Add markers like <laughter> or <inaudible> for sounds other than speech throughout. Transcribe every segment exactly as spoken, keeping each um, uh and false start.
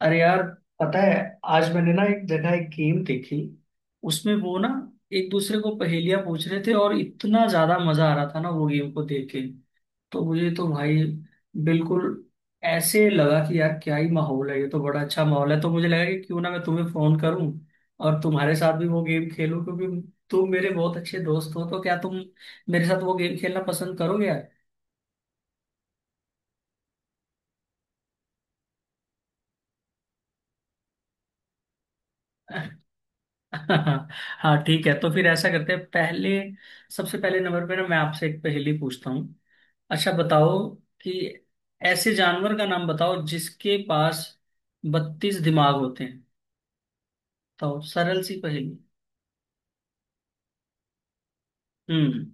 अरे यार, पता है, आज मैंने ना एक जगह एक गेम देखी। उसमें वो ना एक दूसरे को पहेलियां पूछ रहे थे और इतना ज्यादा मजा आ रहा था ना वो गेम को देख के। तो मुझे तो भाई, बिल्कुल ऐसे लगा कि यार क्या ही माहौल है, ये तो बड़ा अच्छा माहौल है। तो मुझे लगा कि क्यों ना मैं तुम्हें फोन करूं और तुम्हारे साथ भी वो गेम खेलूं, क्योंकि तुम मेरे बहुत अच्छे दोस्त हो। तो क्या तुम मेरे साथ वो गेम खेलना पसंद करोगे यार? <laughs> हाँ, ठीक है। तो फिर ऐसा करते हैं, पहले सबसे पहले नंबर पे ना मैं आपसे एक पहेली पूछता हूँ। अच्छा बताओ कि ऐसे जानवर का नाम बताओ जिसके पास बत्तीस दिमाग होते हैं। तो सरल सी पहेली। हम्म।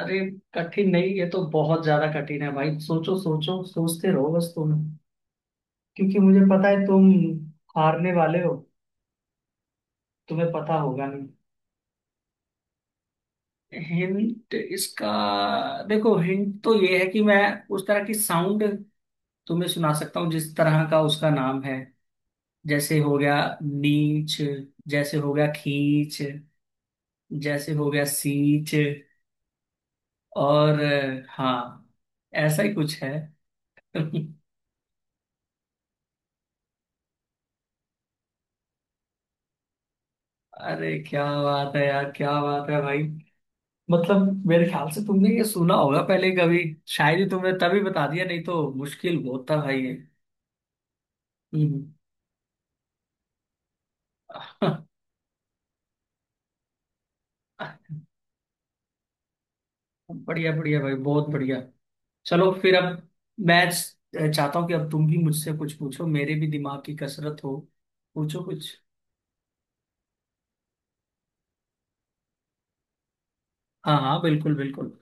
अरे, कठिन नहीं, ये तो बहुत ज्यादा कठिन है भाई। सोचो, सोचो, सोचते रहो बस तुम, क्योंकि मुझे पता है तुम हारने वाले हो। तुम्हें पता होगा नहीं। हिंट इसका, देखो हिंट तो ये है कि मैं उस तरह की साउंड तुम्हें सुना सकता हूँ जिस तरह का उसका नाम है। जैसे हो गया नीच, जैसे हो गया खींच, जैसे हो गया सीच और अ, हाँ, ऐसा ही कुछ है। <laughs> अरे क्या बात है यार, क्या बात है भाई! मतलब मेरे ख्याल से तुमने ये सुना होगा पहले कभी, शायद, ही तुमने तभी बता दिया, नहीं तो मुश्किल बहुत था भाई ये। हम्म। <laughs> बढ़िया, बढ़िया भाई, बहुत बढ़िया। चलो फिर अब मैं च- चाहता हूँ कि अब तुम भी मुझसे कुछ पूछो, मेरे भी दिमाग की कसरत हो। पूछो कुछ। हाँ हाँ, बिल्कुल बिल्कुल।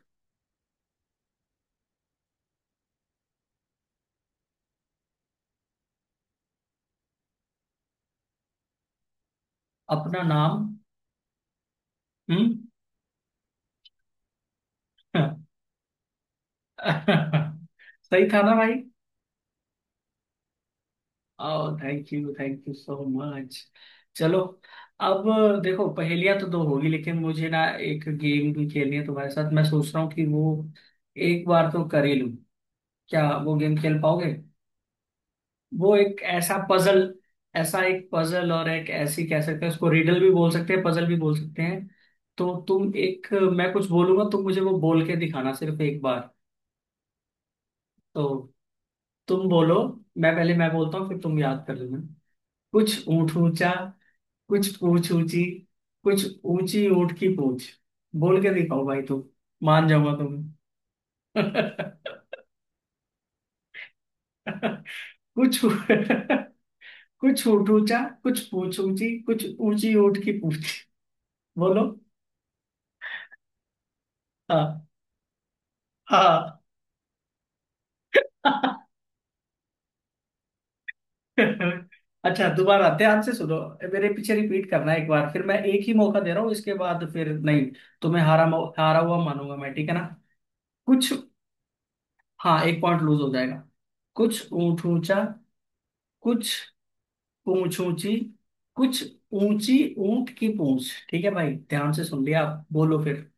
अपना नाम। हम्म। <laughs> सही था ना भाई? ओह, thank you, thank you so much. चलो अब, देखो पहेलियां तो दो होगी, लेकिन मुझे ना एक गेम भी खेलनी है तुम्हारे साथ। मैं सोच रहा हूँ कि वो एक बार तो कर ही लूं। क्या वो गेम खेल पाओगे? वो एक ऐसा पजल, ऐसा एक पजल, और एक ऐसी, कह सकते हैं उसको रिडल भी बोल सकते हैं, पजल भी बोल सकते हैं। तो तुम एक, मैं कुछ बोलूंगा, तुम मुझे वो बोल के दिखाना सिर्फ एक बार। तो तुम बोलो, मैं पहले, मैं बोलता हूँ फिर तुम याद कर लेना। कुछ ऊंट ऊंचा, कुछ पूंछ ऊंची, कुछ ऊंची ऊंट की पूंछ। बोल के दिखाओ भाई तुम, मान जाऊंगा तुम्हें। <laughs> कुछ, कुछ ऊंट ऊंचा, कुछ पूंछ ऊंची, कुछ ऊंची ऊंट की पूंछ। बोलो। हाँ। हाँ। <laughs> अच्छा, दोबारा ध्यान से सुनो। मेरे पीछे रिपीट करना एक बार फिर। मैं एक ही मौका दे रहा हूँ, इसके बाद फिर नहीं, तुम्हें हारा मौ- हारा हुआ मानूंगा मैं, ठीक है ना? कुछ। हाँ, एक पॉइंट लूज हो जाएगा। कुछ ऊंट ऊंचा, कुछ पूंछ ऊंची, कुछ ऊंची ऊंट की पूंछ। ठीक है भाई, ध्यान से सुन लिया? आप बोलो फिर,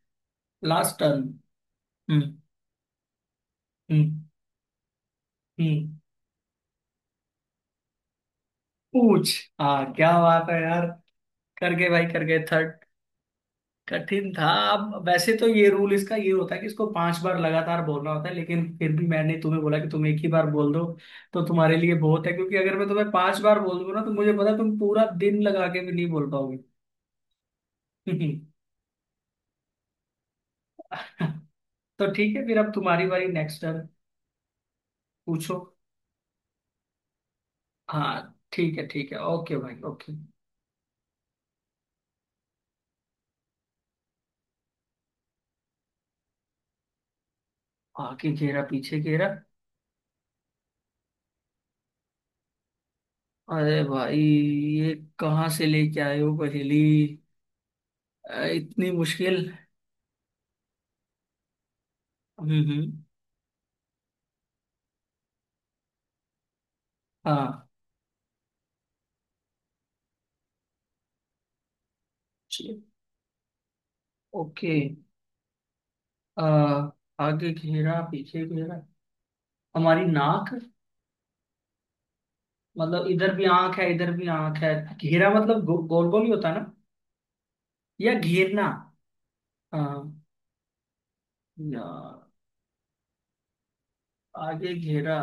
लास्ट टर्न। हम्म। हम्म। हम्म। पूंछ। हाँ, क्या बात है यार, कर गए भाई, कर गए थर्ड। कठिन था। अब वैसे तो ये रूल इसका ये होता है कि इसको पांच बार लगातार बोलना होता है, लेकिन फिर भी मैंने तुम्हें बोला कि तुम एक ही बार बोल दो, तो तुम्हारे लिए बहुत है। क्योंकि अगर मैं तुम्हें पांच बार बोल दूंगा ना, तो मुझे पता है तुम पूरा दिन लगा के भी नहीं बोल पाओगे। <laughs> तो ठीक है फिर, अब तुम्हारी बारी, नेक्स्ट टर्न। पूछो। हाँ ठीक है, ठीक है, ओके भाई, ओके। आगे घेरा, पीछे घेरा। अरे भाई ये कहाँ से लेके आए हो पहेली! अ, इतनी मुश्किल! हम्म, हम्म। हाँ। जी, ओके। आ, आगे घेरा, पीछे घेरा, हमारी नाक? मतलब इधर भी आंख है, इधर भी आंख है। घेरा मतलब गो, गोल गोल ही होता है ना? या घेरना? आ, या आगे घेरा,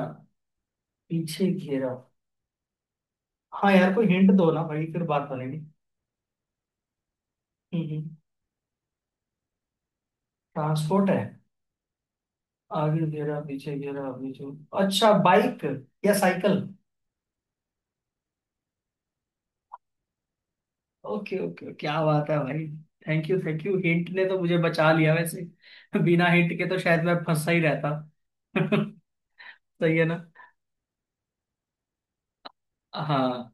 पीछे घेरा। हाँ यार, कोई हिंट दो ना भाई, फिर बात बनेगी। ट्रांसपोर्ट है? आगे घेरा, पीछे घेरा, पीछे, अच्छा, बाइक? या साइकिल? ओके, ओके, क्या बात है भाई! Thank you, thank you, hint ने तो मुझे बचा लिया वैसे, बिना हिंट के तो शायद मैं फंसा ही रहता। <laughs> सही है ना? हाँ।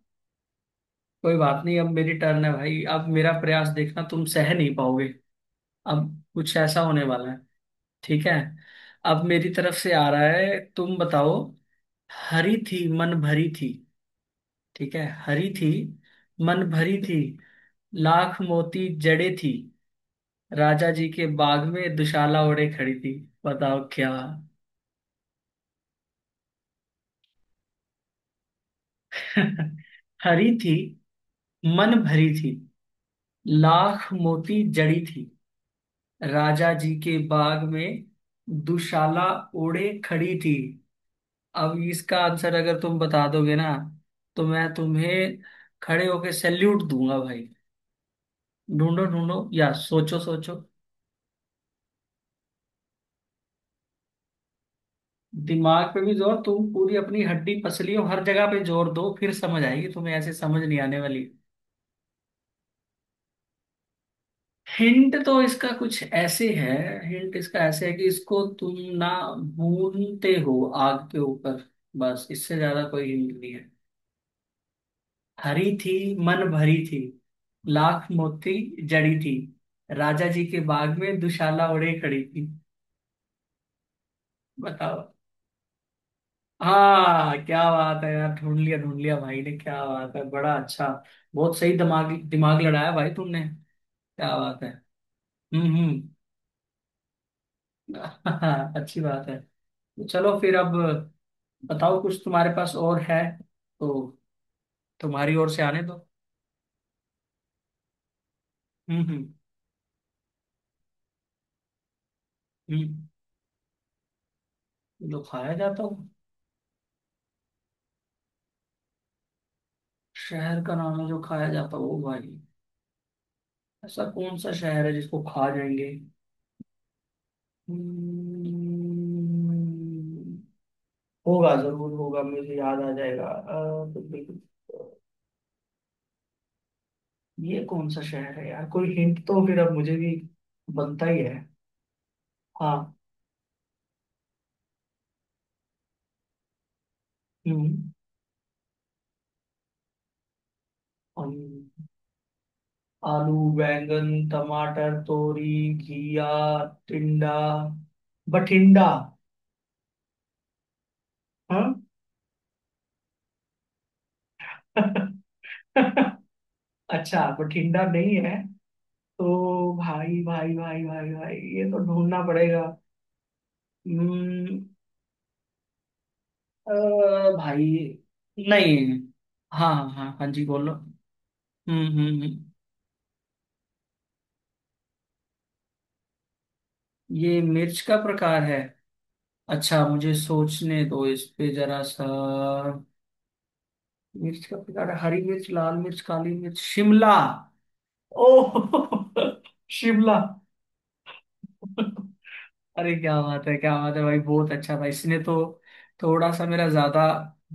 कोई बात नहीं, अब मेरी टर्न है भाई, अब मेरा प्रयास देखना तुम सह नहीं पाओगे। अब कुछ ऐसा होने वाला है। ठीक है, अब मेरी तरफ से आ रहा है, तुम बताओ। हरी थी, मन भरी थी। ठीक है, हरी थी, मन भरी थी, लाख मोती जड़े थी, राजा जी के बाग में दुशाला ओढ़े खड़ी थी। बताओ क्या? <laughs> हरी थी, मन भरी थी, लाख मोती जड़ी थी, राजा जी के बाग में दुशाला ओढ़े खड़ी थी। अब इसका आंसर अगर तुम बता दोगे ना, तो मैं तुम्हें खड़े होके सैल्यूट दूंगा भाई। ढूंढो ढूंढो, या सोचो सोचो। दिमाग पे भी जोर, तुम पूरी अपनी हड्डी पसलियों, हर जगह पे जोर दो, फिर समझ आएगी तुम्हें, ऐसे समझ नहीं आने वाली। हिंट तो इसका कुछ ऐसे है, हिंट इसका ऐसे है कि इसको तुम ना भूनते हो आग के ऊपर, बस इससे ज्यादा कोई हिंट नहीं है। हरी थी, मन भरी थी, लाख मोती जड़ी थी, राजा जी के बाग में दुशाला ओढ़े खड़ी थी। बताओ। हाँ, क्या बात है यार, ढूंढ लिया, ढूंढ लिया भाई ने, क्या बात है, बड़ा अच्छा! बहुत सही, दिमाग दिमाग लड़ाया भाई तुमने, क्या बात है! हम्म, हम्म। <laughs> अच्छी बात है। तो चलो फिर अब बताओ, कुछ तुम्हारे पास और है तो तुम्हारी ओर से आने दो। हम्म, हम्म। हम्म। जो खाया जाता हो? शहर का नाम है जो खाया जाता हो भाई? ऐसा कौन सा शहर है जिसको खा जाएंगे? Hmm, होगा, जरूर होगा, मुझे याद आ जाएगा। अ, तो बिल्कुल, ये कौन सा शहर है यार? कोई हिंट तो फिर अब मुझे भी बनता ही है। हाँ। हम्म। हम। आलू, बैंगन, टमाटर, तोरी, घिया, टिंडा, बठिंडा। हाँ। <laughs> अच्छा, बठिंडा नहीं है तो? भाई भाई भाई भाई भाई, ये तो ढूंढना पड़ेगा। हम्म, अ, भाई। नहीं, हाँ हाँ हाँ हाँ, जी बोलो। हम्म, हम्म। हम्म। ये मिर्च का प्रकार है? अच्छा, मुझे सोचने दो इस पे जरा सा। मिर्च का प्रकार है, हरी मिर्च, लाल मिर्च, काली मिर्च, शिमला! ओह! <laughs> शिमला! अरे क्या बात है, क्या बात है भाई, बहुत अच्छा था इसने तो, थोड़ा सा मेरा ज्यादा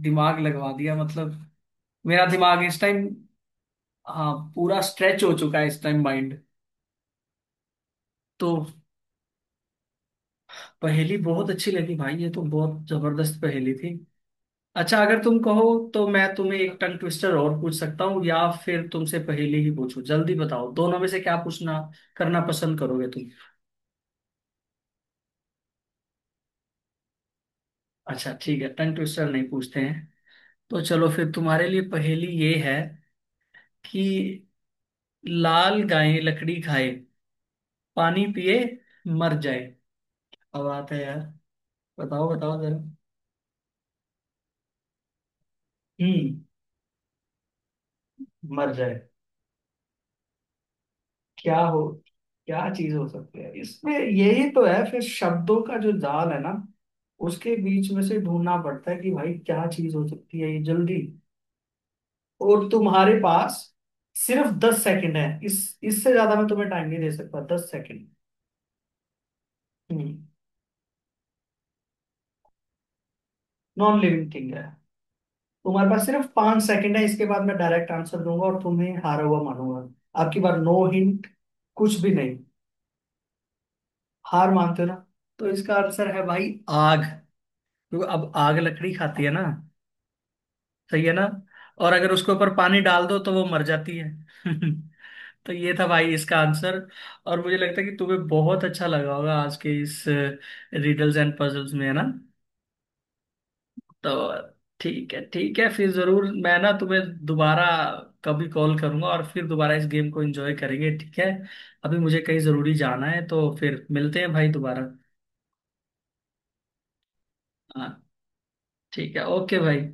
दिमाग लगवा दिया। मतलब मेरा दिमाग इस टाइम, हाँ, पूरा स्ट्रेच हो चुका है इस टाइम माइंड। तो पहेली बहुत अच्छी लगी भाई, ये तो बहुत जबरदस्त पहेली थी। अच्छा, अगर तुम कहो तो मैं तुम्हें एक टंग ट्विस्टर और पूछ सकता हूँ, या फिर तुमसे पहेली ही पूछूं? जल्दी बताओ, दोनों में से क्या पूछना करना पसंद करोगे तुम? अच्छा ठीक है, टंग ट्विस्टर नहीं पूछते हैं। तो चलो फिर तुम्हारे लिए पहेली ये है कि, लाल गाय लकड़ी खाए, पानी पिए, मर जाए। अब आता है यार, बताओ बताओ जरा। हम्म। मर जाए। क्या हो? क्या चीज हो सकती है इसमें? यही तो है फिर, शब्दों का जो जाल है ना, उसके बीच में से ढूंढना पड़ता है कि भाई क्या चीज हो सकती है ये। जल्दी, और तुम्हारे पास सिर्फ दस सेकंड है, इस इससे ज्यादा मैं तुम्हें टाइम नहीं दे सकता, दस सेकंड। हम्म। नॉन लिविंग थिंग है। तुम्हारे पास सिर्फ पांच सेकंड है, इसके बाद मैं डायरेक्ट आंसर दूंगा और तुम्हें हारा हुआ मानूंगा। आपकी बार नो हिंट, कुछ भी नहीं। हार मानते हो ना? तो इसका आंसर है भाई, आग! क्योंकि अब आग लकड़ी खाती है ना? सही है ना? और अगर उसके ऊपर पानी डाल दो तो वो मर जाती है। <laughs> तो ये था भाई इसका आंसर। और मुझे लगता है कि तुम्हें बहुत अच्छा लगा होगा आज के इस रिडल्स एंड पजल्स में, है ना? तो ठीक है, ठीक है, फिर जरूर मैं ना तुम्हें दोबारा कभी कॉल करूंगा और फिर दोबारा इस गेम को एंजॉय करेंगे, ठीक है? अभी मुझे कहीं जरूरी जाना है तो फिर मिलते हैं भाई दोबारा। हाँ, ठीक है, ओके भाई।